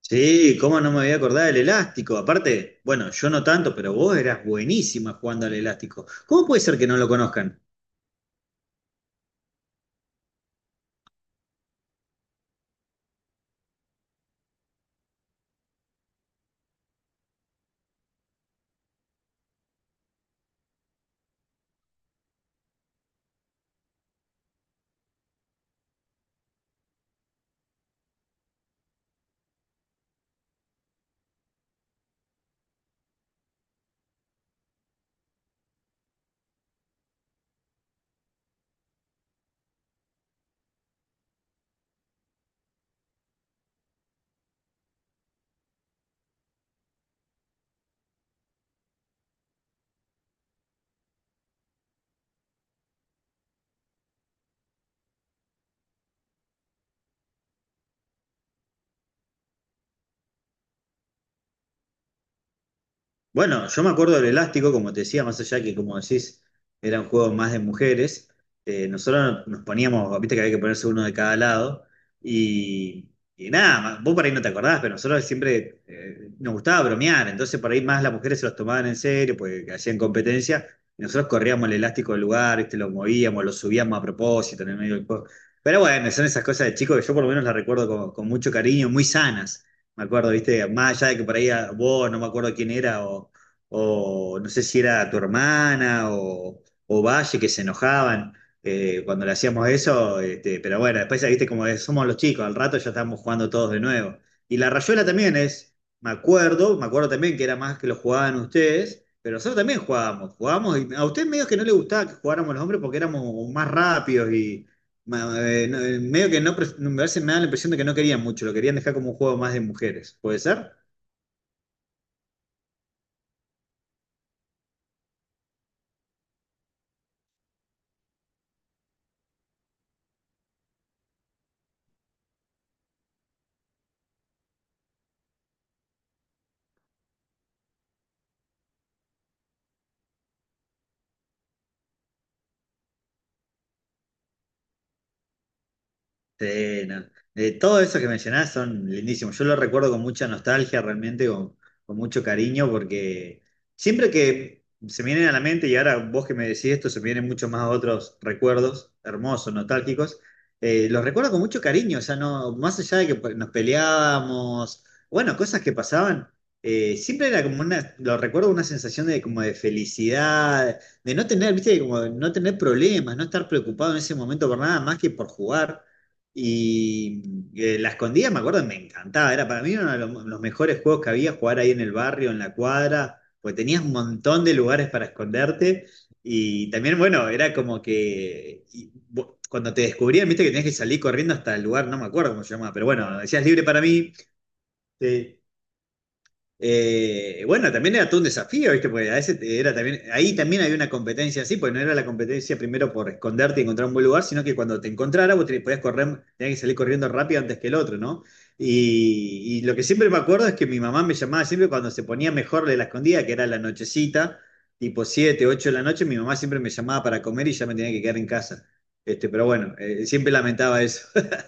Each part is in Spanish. Sí, cómo no me había acordado del elástico. Aparte, bueno, yo no tanto, pero vos eras buenísima jugando al elástico. ¿Cómo puede ser que no lo conozcan? Bueno, yo me acuerdo del elástico, como te decía, más allá que, como decís, era un juego más de mujeres. Nosotros no, nos poníamos, viste que había que ponerse uno de cada lado. Y, y nada, vos por ahí no te acordás, pero nosotros siempre nos gustaba bromear. Entonces, por ahí más las mujeres se los tomaban en serio, porque hacían competencia. Y nosotros corríamos el elástico del lugar, viste, lo movíamos, lo subíamos a propósito en el medio del juego. Pero bueno, son esas cosas de chicos que yo por lo menos las recuerdo con mucho cariño, muy sanas. Me acuerdo, viste, más allá de que por ahí vos, no me acuerdo quién era, o no sé si era tu hermana o Valle, que se enojaban cuando le hacíamos eso, este, pero bueno, después, viste, como es, somos los chicos, al rato ya estamos jugando todos de nuevo. Y la rayuela también es, me acuerdo también que era más que lo jugaban ustedes, pero nosotros también jugábamos, y a usted medio que no le gustaba que jugáramos los hombres porque éramos más rápidos y medio que no, me da la impresión de que no querían mucho, lo querían dejar como un juego más de mujeres. ¿Puede ser? Sí, no. Todo eso que mencionás son lindísimos. Yo lo recuerdo con mucha nostalgia, realmente, con mucho cariño, porque siempre que se me vienen a la mente, y ahora vos que me decís esto, se me vienen muchos más otros recuerdos hermosos, nostálgicos, los recuerdo con mucho cariño, o sea, no, más allá de que pues, nos peleábamos, bueno, cosas que pasaban, siempre era como una, lo recuerdo una sensación de como de felicidad, de no tener, viste, como de no tener problemas, no estar preocupado en ese momento por nada más que por jugar. Y la escondida, me acuerdo, me encantaba. Era para mí uno de los mejores juegos que había, jugar ahí en el barrio, en la cuadra, porque tenías un montón de lugares para esconderte. Y también, bueno, era como que cuando te descubrían, viste que tenías que salir corriendo hasta el lugar, no me acuerdo cómo se llamaba, pero bueno, decías libre para mí, te, bueno, también era todo un desafío, ¿viste? Porque a veces era también, ahí también había una competencia así, porque no era la competencia primero por esconderte y encontrar un buen lugar, sino que cuando te encontrara vos te podías correr, tenías que salir corriendo rápido antes que el otro, ¿no? Y lo que siempre me acuerdo es que mi mamá me llamaba siempre cuando se ponía mejor de la escondida, que era la nochecita, tipo 7 8 de la noche, mi mamá siempre me llamaba para comer y ya me tenía que quedar en casa. Este, pero bueno, siempre lamentaba eso.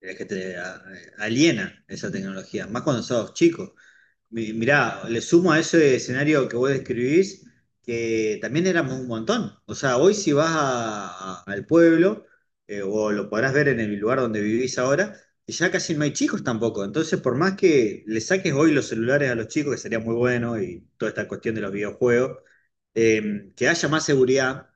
Es que aliena esa tecnología, más cuando sos chico. Mirá, le sumo a ese escenario que vos describís, que también éramos un montón. O sea, hoy si al pueblo, o lo podrás ver en el lugar donde vivís ahora, ya casi no hay chicos tampoco. Entonces, por más que le saques hoy los celulares a los chicos, que sería muy bueno, y toda esta cuestión de los videojuegos, que haya más seguridad,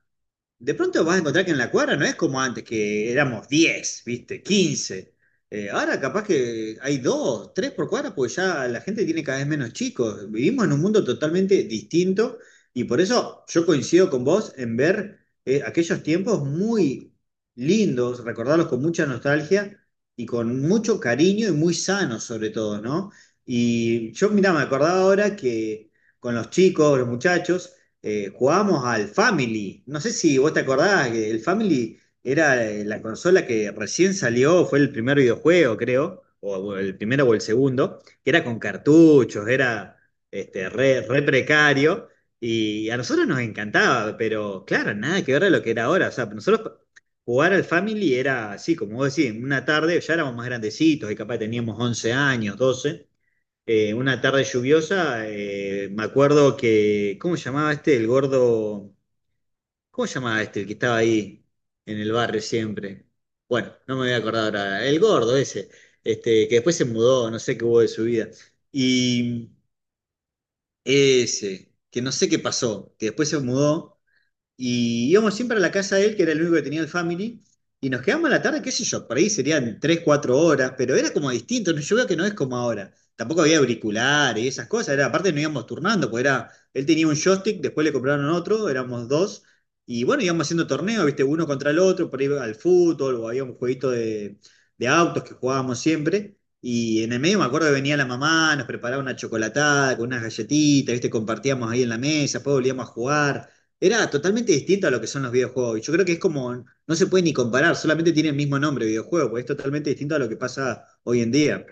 de pronto vas a encontrar que en la cuadra no es como antes, que éramos 10, ¿viste? Quince. Ahora capaz que hay dos, tres por cuadra, porque ya la gente tiene cada vez menos chicos. Vivimos en un mundo totalmente distinto y por eso yo coincido con vos en ver aquellos tiempos muy lindos, recordarlos con mucha nostalgia y con mucho cariño y muy sanos sobre todo, ¿no? Y yo, mira, me acordaba ahora que con los chicos, los muchachos, jugábamos al Family. No sé si vos te acordás que el Family era la consola que recién salió, fue el primer videojuego, creo, o el primero o el segundo, que era con cartuchos, era este, re precario. Y a nosotros nos encantaba, pero claro, nada que ver a lo que era ahora. O sea, nosotros jugar al Family era así, como vos decís, en una tarde ya éramos más grandecitos y capaz teníamos 11 años, 12 una tarde lluviosa, me acuerdo que, ¿cómo se llamaba este? El gordo, ¿cómo se llamaba este? El que estaba ahí en el barrio siempre. Bueno, no me voy a acordar ahora. El gordo ese, este, que después se mudó, no sé qué hubo de su vida. Y ese, que no sé qué pasó, que después se mudó y íbamos siempre a la casa de él, que era el único que tenía el family, y nos quedamos a la tarde, qué sé yo, por ahí serían 3 4 horas, pero era como distinto, ¿no? Yo veo que no es como ahora. Tampoco había auriculares y esas cosas, era, aparte nos íbamos turnando, porque era, él tenía un joystick, después le compraron otro, éramos dos, y bueno, íbamos haciendo torneos, viste, uno contra el otro, por ahí al fútbol, o había un jueguito de autos que jugábamos siempre. Y en el medio me acuerdo que venía la mamá, nos preparaba una chocolatada con unas galletitas, ¿viste? Compartíamos ahí en la mesa, después volvíamos a jugar. Era totalmente distinto a lo que son los videojuegos. Y yo creo que es como, no se puede ni comparar, solamente tiene el mismo nombre, videojuego, porque es totalmente distinto a lo que pasa hoy en día.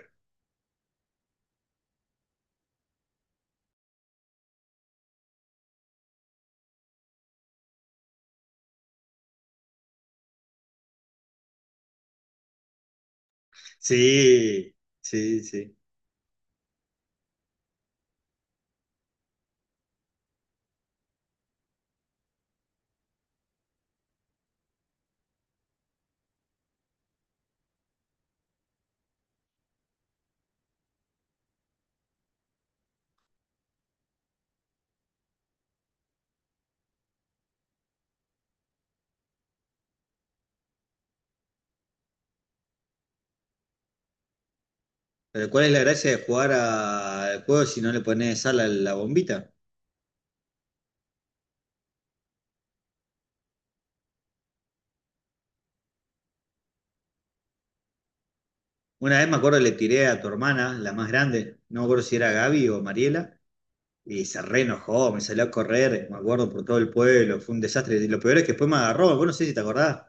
Sí, sí, sí. Pero ¿cuál es la gracia de jugar al juego si no le pones sal a la bombita? Una vez me acuerdo le tiré a tu hermana, la más grande, no me acuerdo si era Gaby o Mariela. Y se re enojó, me salió a correr, me acuerdo, por todo el pueblo, fue un desastre. Y lo peor es que después me agarró, vos no sé si te acordás,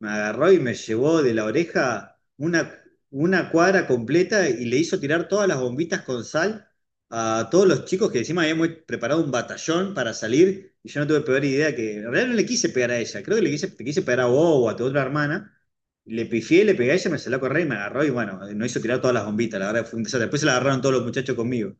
me agarró y me llevó de la oreja una cuadra completa y le hizo tirar todas las bombitas con sal a todos los chicos que encima habíamos preparado un batallón para salir y yo no tuve peor idea que, en realidad no le quise pegar a ella, creo que le quise pegar a vos o a tu otra hermana. Le pifié, le pegué a ella, me salió a correr y me agarró y bueno, no hizo tirar todas las bombitas, la verdad fue un desastre. Después se la agarraron todos los muchachos conmigo.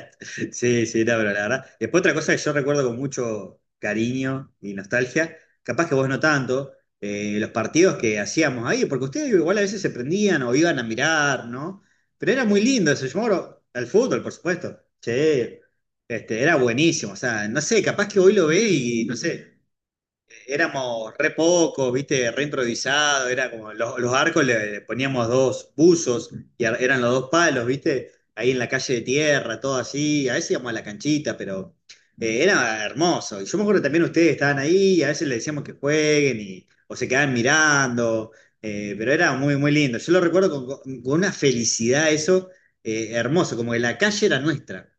Sí, sí, no, pero la verdad. Después otra cosa que yo recuerdo con mucho cariño y nostalgia, capaz que vos no tanto, los partidos que hacíamos ahí, porque ustedes igual a veces se prendían o iban a mirar, ¿no? Pero era muy lindo eso, yo me acuerdo, el fútbol, por supuesto. Che, este, era buenísimo, o sea, no sé, capaz que hoy lo ve y no sé, éramos re pocos, viste, re improvisado, era como los arcos le poníamos dos buzos y eran los dos palos, viste, ahí en la calle de tierra, todo así, a veces íbamos a la canchita, pero era hermoso. Y yo me acuerdo también ustedes estaban ahí y a veces les decíamos que jueguen y, o se quedaban mirando, pero era muy, muy lindo. Yo lo recuerdo con una felicidad eso, hermoso, como que la calle era nuestra.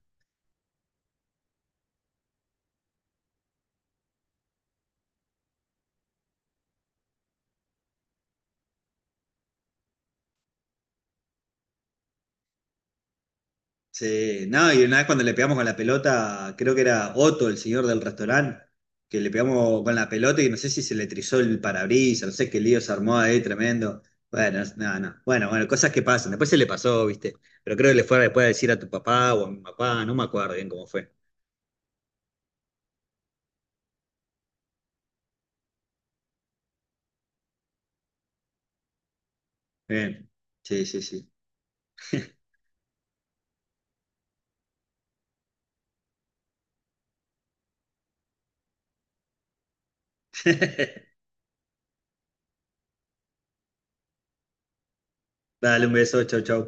Sí, no, y una vez cuando le pegamos con la pelota, creo que era Otto, el señor del restaurante, que le pegamos con la pelota y no sé si se le trizó el parabrisas, no sé qué lío se armó ahí, tremendo. Bueno, no, no. Bueno, bueno, cosas que pasan. Después se le pasó, ¿viste? Pero creo que le fue después a decir a tu papá o a mi papá, no me acuerdo bien cómo fue. Bien. Sí, sí, sí. Dale un beso, chau, chau.